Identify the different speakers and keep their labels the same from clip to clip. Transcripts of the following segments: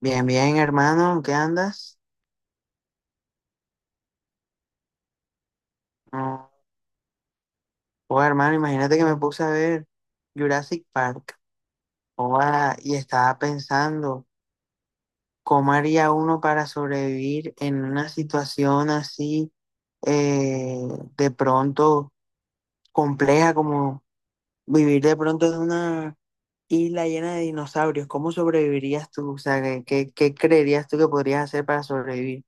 Speaker 1: Bien, bien, hermano, ¿qué andas? No. Oh, hermano, imagínate que me puse a ver Jurassic Park. Oh, y estaba pensando, ¿cómo haría uno para sobrevivir en una situación así, eh, de pronto compleja como vivir de pronto en una isla llena de dinosaurios? ¿Cómo sobrevivirías tú? O sea, ¿qué, qué creerías tú que podrías hacer para sobrevivir?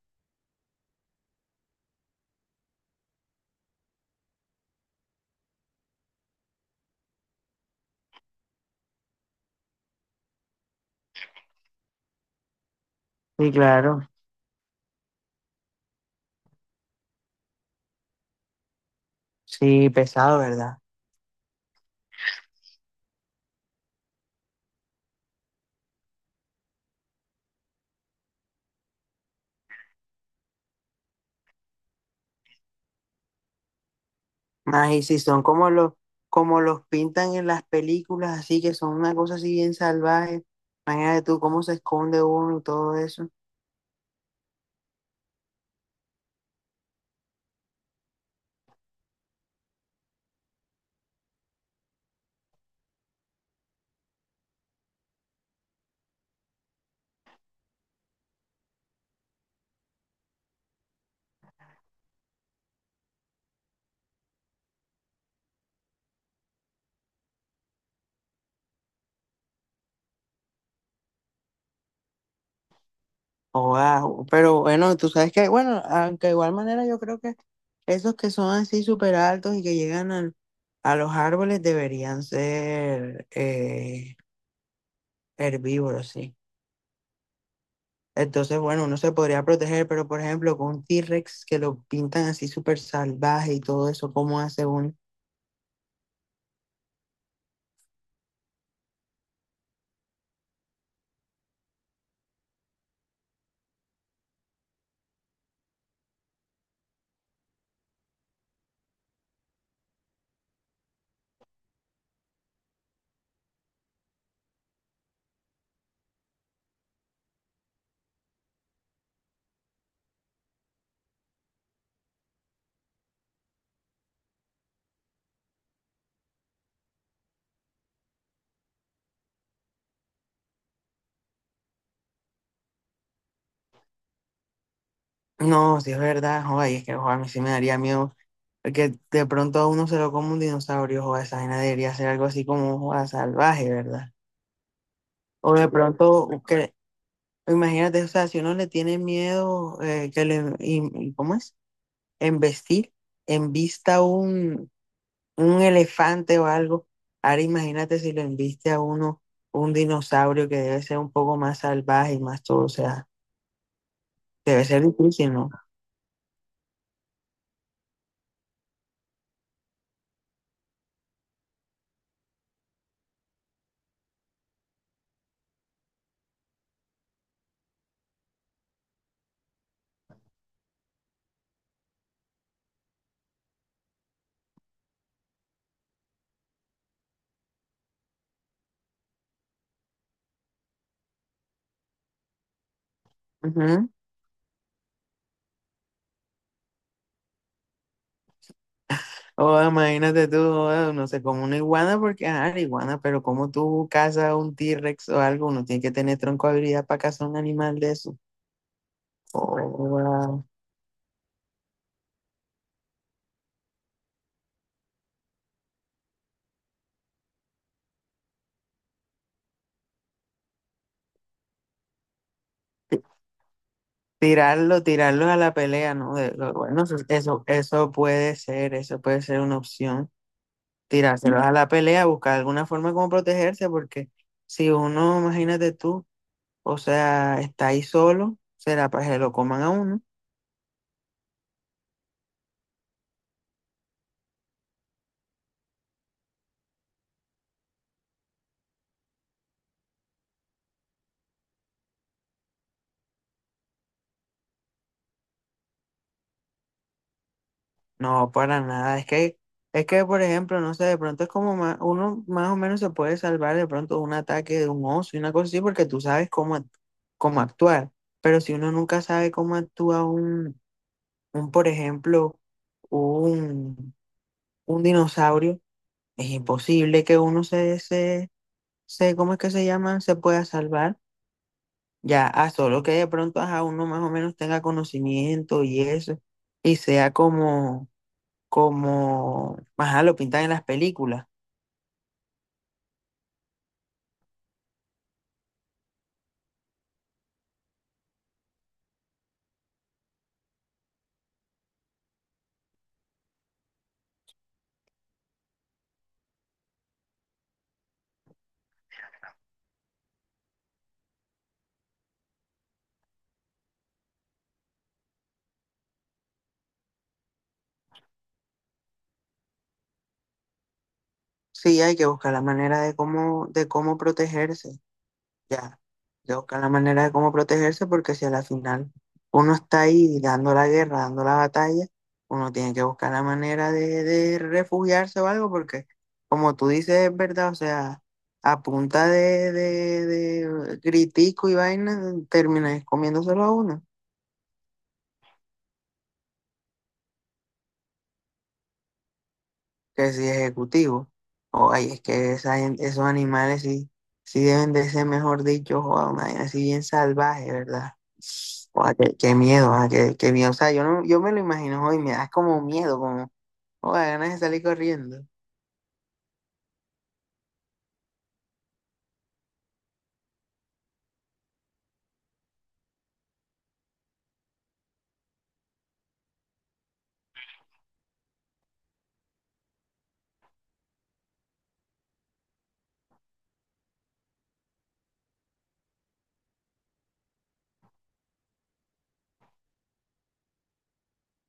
Speaker 1: Sí, claro, sí, pesado, ¿verdad? Ay, si son como los pintan en las películas, así que son una cosa así bien salvaje. Imagínate tú cómo se esconde uno y todo eso. Wow. Pero bueno, tú sabes que, bueno, aunque de igual manera yo creo que esos que son así súper altos y que llegan a los árboles deberían ser, herbívoros, sí. Entonces, bueno, uno se podría proteger, pero por ejemplo, con un T-Rex que lo pintan así súper salvaje y todo eso, ¿cómo hace uno? No, sí es verdad, joder, y es que joder, a mí sí me daría miedo que de pronto a uno se lo coma un dinosaurio, joder, esa vaina debería ser algo así como joder, salvaje, ¿verdad? O de pronto, que, imagínate, o sea, si uno le tiene miedo, que ¿cómo es? Embestir, embista un, un elefante o algo, ahora imagínate si le embiste a uno un dinosaurio que debe ser un poco más salvaje y más todo, o sea, debe ser difícil, no. Oh, imagínate tú, oh, no sé, como una iguana, porque, ah, la iguana, pero como tú cazas un T-Rex o algo, uno tiene que tener tronco habilidad para cazar un animal de eso. Oh, wow. Tirarlo, tirarlo a la pelea, ¿no? Bueno, eso, eso puede ser, eso puede ser una opción. Tirárselos a la pelea, buscar alguna forma como protegerse, porque si uno, imagínate tú, o sea, está ahí solo, será para que lo coman a uno. No, para nada. Es que, por ejemplo, no sé, de pronto es como uno más o menos se puede salvar de pronto de un ataque de un oso y una cosa así, porque tú sabes cómo, cómo actuar. Pero si uno nunca sabe cómo actúa por ejemplo, un, un dinosaurio, es imposible que uno ¿cómo es que se llama? Se pueda salvar. Ya, a solo que de pronto a uno más o menos tenga conocimiento y eso, y sea como como, ajá, lo pintan en las películas. Sí, hay que buscar la manera de cómo protegerse, ya. Hay que buscar la manera de cómo protegerse porque si a la final uno está ahí dando la guerra, dando la batalla, uno tiene que buscar la manera de refugiarse o algo porque, como tú dices, es verdad, o sea, a punta de, de gritico y vaina, terminas comiéndoselo a uno. Que si ejecutivo. O ay, es que esos animales sí, sí deben de ser, mejor dicho, joda, una vaina así bien salvaje, ¿verdad? Joda, qué, qué miedo, ah, qué, qué miedo. O sea, yo no, yo me lo imagino hoy, me da como miedo, como joda, ganas de salir corriendo.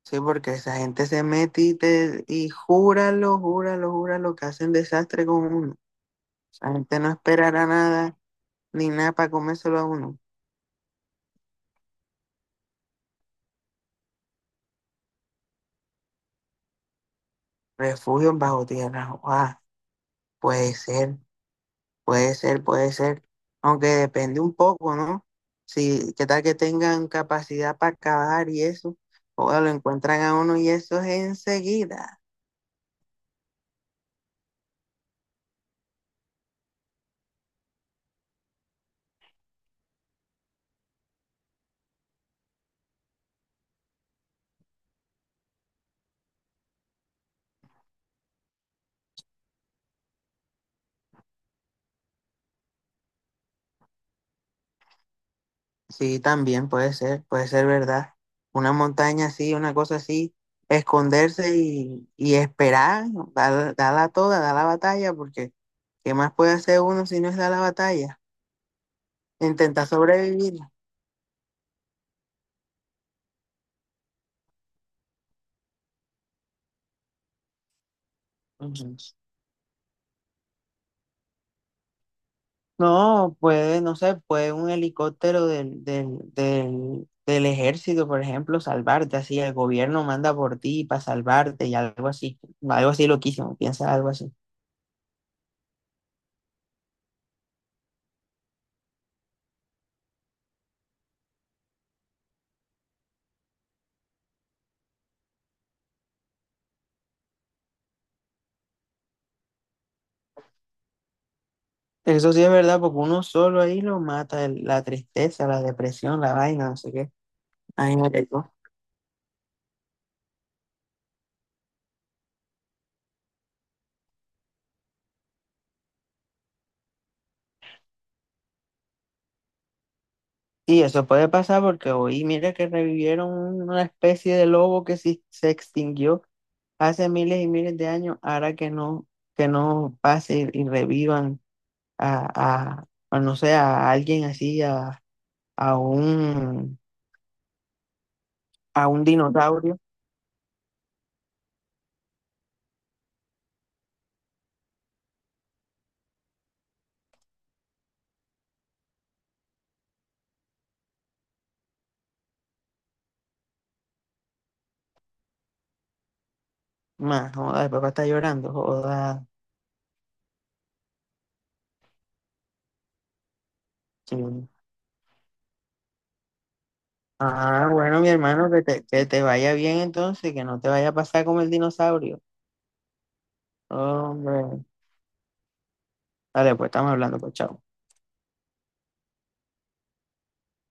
Speaker 1: Sí, porque esa gente se mete y, te, y júralo, júralo, júralo que hacen desastre con uno. Esa gente no esperará nada, ni nada para comérselo a uno. Refugios bajo tierra, joda, puede ser. Puede ser, puede ser, aunque depende un poco, ¿no? Si, qué tal que tengan capacidad para cavar y eso, o lo encuentran a uno y eso es enseguida. Sí, también puede ser verdad. Una montaña así, una cosa así, esconderse y esperar, dar, darla toda, dar la batalla, porque ¿qué más puede hacer uno si no es dar la batalla? Intentar sobrevivir. Ujú. No, puede, no sé, puede un helicóptero del ejército, por ejemplo, salvarte, así el gobierno manda por ti para salvarte y algo así loquísimo, piensa algo así. Eso sí es verdad, porque uno solo ahí lo mata, la tristeza, la depresión, la vaina, no sé qué. Ay, me pegó. Y eso puede pasar porque hoy, mira que revivieron una especie de lobo que sí se extinguió hace miles y miles de años, ahora que no pase y revivan a, a- a, no sé, a alguien así, a un, a un dinosaurio. Más, joda, el papá está llorando, joda. Sí. Ah, bueno, mi hermano, que te vaya bien entonces, que no te vaya a pasar como el dinosaurio. Hombre, dale, pues estamos hablando, pues chao.